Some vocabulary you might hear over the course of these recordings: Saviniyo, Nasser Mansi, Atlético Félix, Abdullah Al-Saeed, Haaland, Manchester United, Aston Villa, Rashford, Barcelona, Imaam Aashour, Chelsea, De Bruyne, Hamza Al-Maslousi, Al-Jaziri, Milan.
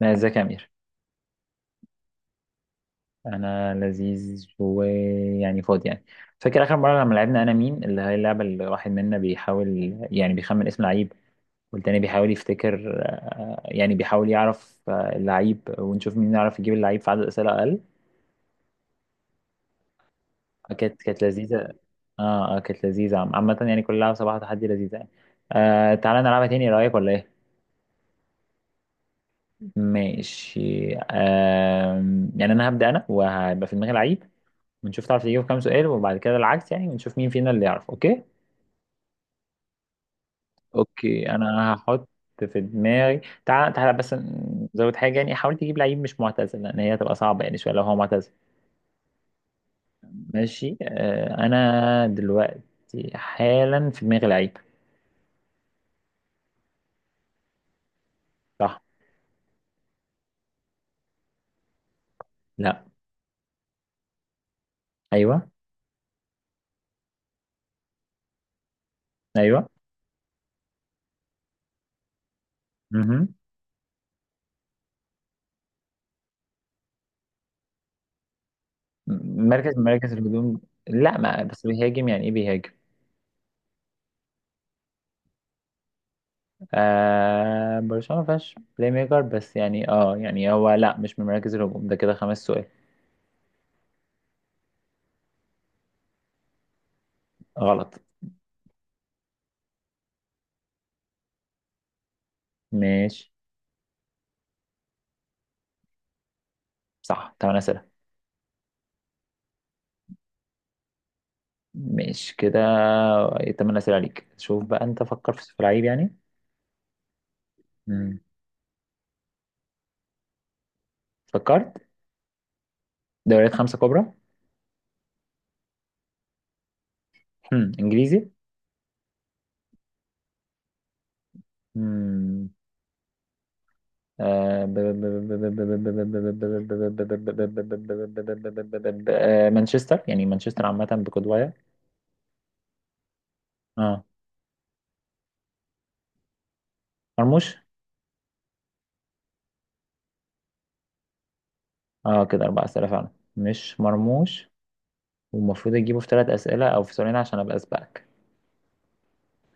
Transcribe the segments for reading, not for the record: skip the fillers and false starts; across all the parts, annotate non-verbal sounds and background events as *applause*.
لا، ازيك يا امير؟ انا لذيذ ويعني فاضي يعني. فاكر اخر مره لما لعبنا انا مين اللي هي اللعبه اللي واحد منا بيحاول يعني بيخمن اسم لعيب، والتاني بيحاول يفتكر يعني بيحاول يعرف اللعيب ونشوف مين يعرف يجيب اللعيب في عدد اسئله اقل. كانت لذيذه. اه اه، كانت لذيذه. عامه يعني كل لعبه صباح تحدي لذيذه يعني. آه، تعالى نلعبها تاني، ايه رايك ولا ايه؟ ماشي. آه، يعني انا هبدا انا وهيبقى في دماغي لعيب ونشوف تعرف تجيب كام سؤال وبعد كده العكس يعني، ونشوف مين فينا اللي يعرف. اوكي، اوكي انا هحط في دماغي. تعال تعال بس، نزود حاجه يعني. حاول تجيب لعيب مش معتزل، لان هي هتبقى صعبه يعني شويه لو هو معتزل. ماشي. آه، انا دلوقتي حالا في دماغي لعيب. صح. لا. ايوه. ايوه. مهم. مركز من مراكز الهجوم؟ لا، ما بس بيهاجم، يعني ايه بيهاجم؟ آه، برشلونه ما فيهاش بلاي ميكر بس يعني، اه يعني هو لا، مش من مراكز الهجوم، ده كده خمس سؤال. غلط. ماشي. صح، تمن أسئلة. ماشي كده. تمن أسئلة عليك، شوف بقى أنت فكر في لعيب يعني. مم. فكرت. دوريات خمسة كبرى. مم. إنجليزي. مم. آه، ب- ب- ب- ب- ب- ب- ب- ب- ب- ب- آه، مانشستر يعني، مانشستر عامة بقدوايا. اه. مرموش. اه، كده أربع أسئلة فعلا. مش مرموش. والمفروض أجيبه في ثلاث أسئلة أو في سؤالين عشان أبقى أسبقك.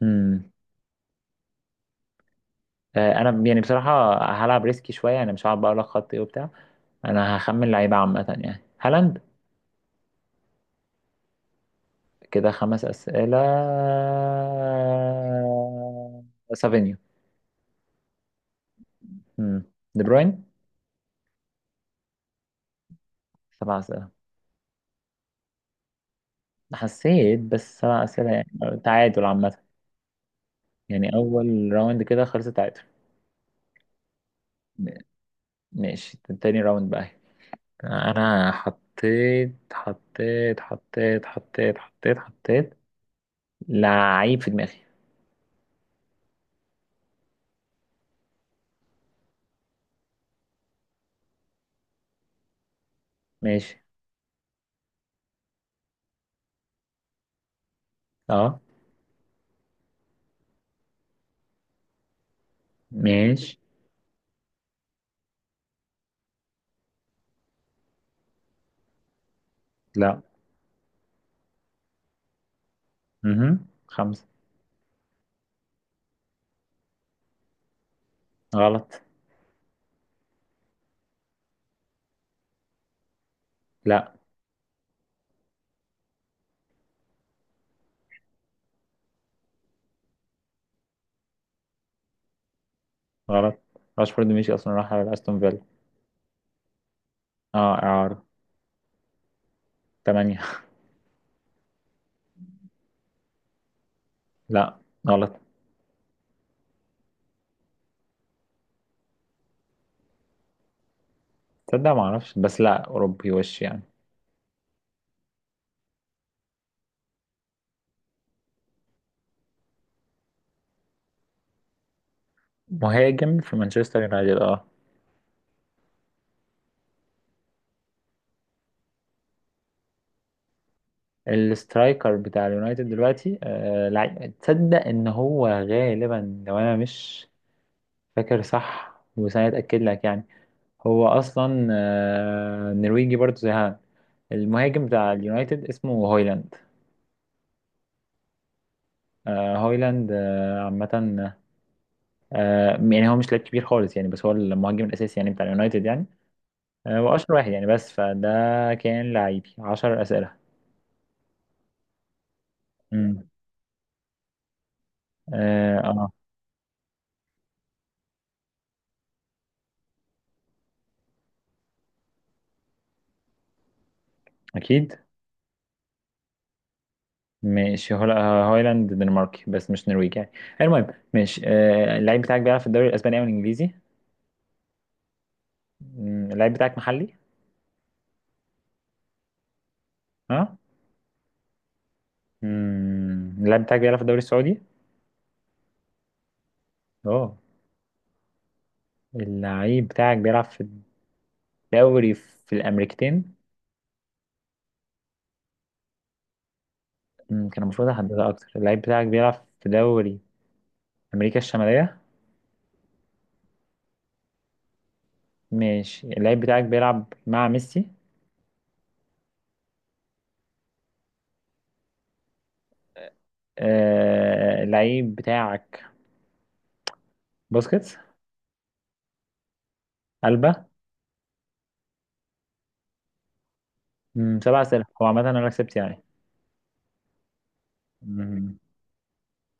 مم. آه، أنا يعني بصراحة هلعب ريسكي شوية، يعني مش هقعد بقى أقول لك خط إيه وبتاع. انا هخمن لعيبة عامة يعني، هالاند. كده خمس أسئلة. سافينيو. مم. دي بروين. سبع أسئلة. حسيت بس، سبع أسئلة يعني تعادل عامة. يعني أول راوند كده خلص تعادل. م- ماشي، تاني راوند بقى. أنا حطيت لعيب في دماغي. ماشي. اه. ماشي. لا. مهم. خمسة. غلط. لا. غلط. راشفورد مشي اصلا، راح على استون فيلا. اه، اعارة. تمانية. *laughs* لا. غلط. تصدق ما اعرفش، بس لا، اوروبي وش يعني. مهاجم في مانشستر يونايتد، اه. السترايكر بتاع اليونايتد دلوقتي، آه لعيب، تصدق ان هو غالبا، لو انا مش فاكر صح بس انا اتاكد لك يعني، هو اصلا آه نرويجي برضه زي هان، المهاجم بتاع اليونايتد اسمه هويلاند. آه، هويلاند. آه، عامة آه، يعني هو مش لاعب كبير خالص يعني، بس هو المهاجم الاساسي يعني بتاع اليونايتد يعني. آه، واشهر واحد يعني، بس فده كان لعيبي. 10 اسئله. امم. اه. آه. اكيد. ماشي. هو لا، هايلاند دنماركي بس مش نرويجي يعني. المهم، ماشي. آه، اللعيب بتاعك بيلعب في الدوري الاسباني او الانجليزي؟ مم، اللعيب بتاعك محلي؟ ها. مم، اللعيب بتاعك بيلعب في الدوري السعودي؟ اه. اللعيب بتاعك بيلعب في الدوري في الامريكتين؟ مم، كان المفروض احددها اكتر. اللعيب بتاعك بيلعب في دوري امريكا الشماليه؟ ماشي. اللعيب بتاعك بيلعب مع ميسي؟ آه، اللعيب بتاعك بوسكيتس؟ ألبا؟ مم، سبعة أسئلة. هو عامة أنا كسبت يعني. مم.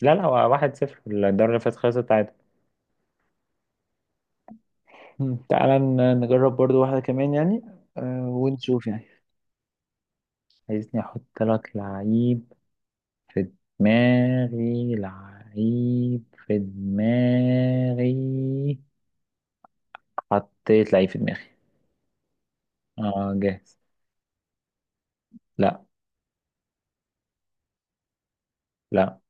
لا لا، هو واحد صفر، الدوري اللي فات خلصت عادي. مم. تعالى نجرب برضو واحدة كمان يعني، آه، ونشوف يعني. عايزني أحط لك لعيب في دماغي؟ لعيب في دماغي. حطيت لعيب في دماغي. اه، جاهز. لا. لا.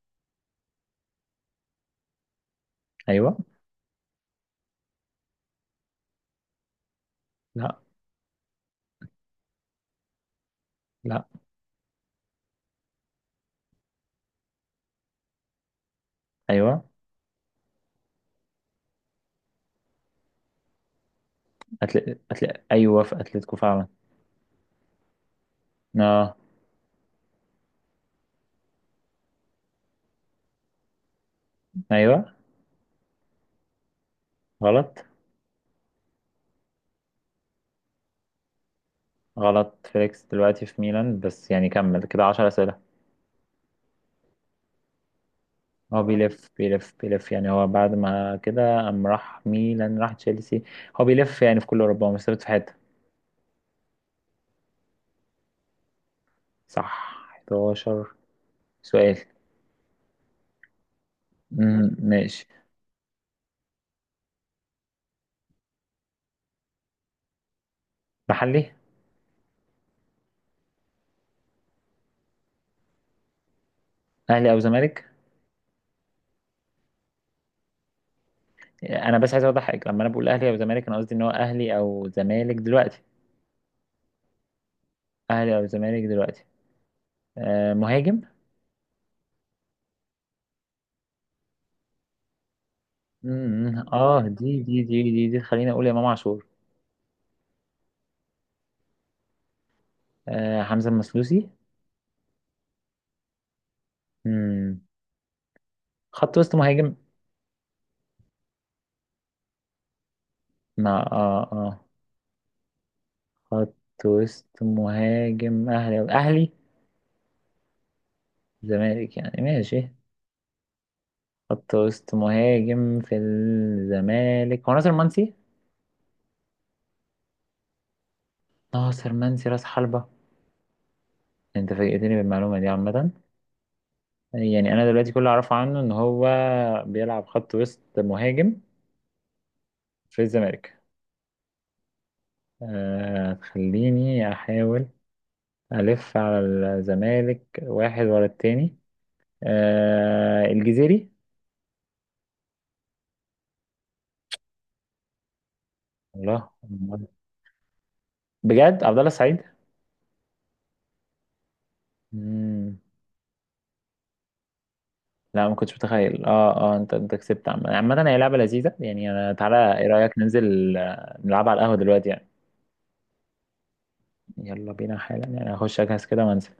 أيوه. لا. لا. أيوه. أيوة، في أتلتيكو فعلا. آه. أيوة. غلط. غلط، فيليكس دلوقتي في ميلان، بس يعني كمل كده عشر أسئلة. هو بيلف يعني، هو بعد ما كده قام راح ميلان، راح تشيلسي. هو بيلف يعني في كل أوروبا، هو مش ثابت في حتة. صح، 11 سؤال. مم، ماشي. محلي. أهلي أو زمالك؟ أنا بس عايز أوضح حاجة، لما أنا بقول أهلي أو زمالك أنا قصدي إن هو أهلي أو زمالك دلوقتي. أهلي أو زمالك دلوقتي. آه، مهاجم. مم. اه، دي دي دي دي دي خليني اقول امام عاشور. آه، حمزة المسلوسي. مم. خط وسط مهاجم. ما اه اه خط وسط مهاجم اهلي، اهلي زمالك يعني ماشي. خط وسط مهاجم في الزمالك هو ناصر منسي. ناصر منسي راس حربة؟ انت فاجئتني بالمعلومة دي عامة، يعني انا دلوقتي كل اللي اعرفه عنه ان هو بيلعب خط وسط مهاجم في الزمالك. آه، خليني احاول ألف على الزمالك واحد ورا التاني. آه، الجزيري. الله، بجد؟ عبد الله السعيد. مم. لا ما كنتش متخيل. اه اه، انت كسبت. عامة هي لعبة لذيذة يعني. انا تعالى، ايه رأيك ننزل آه، نلعبها على القهوة دلوقتي يعني. يلا بينا حالا، يعني هخش اجهز كده وانزل.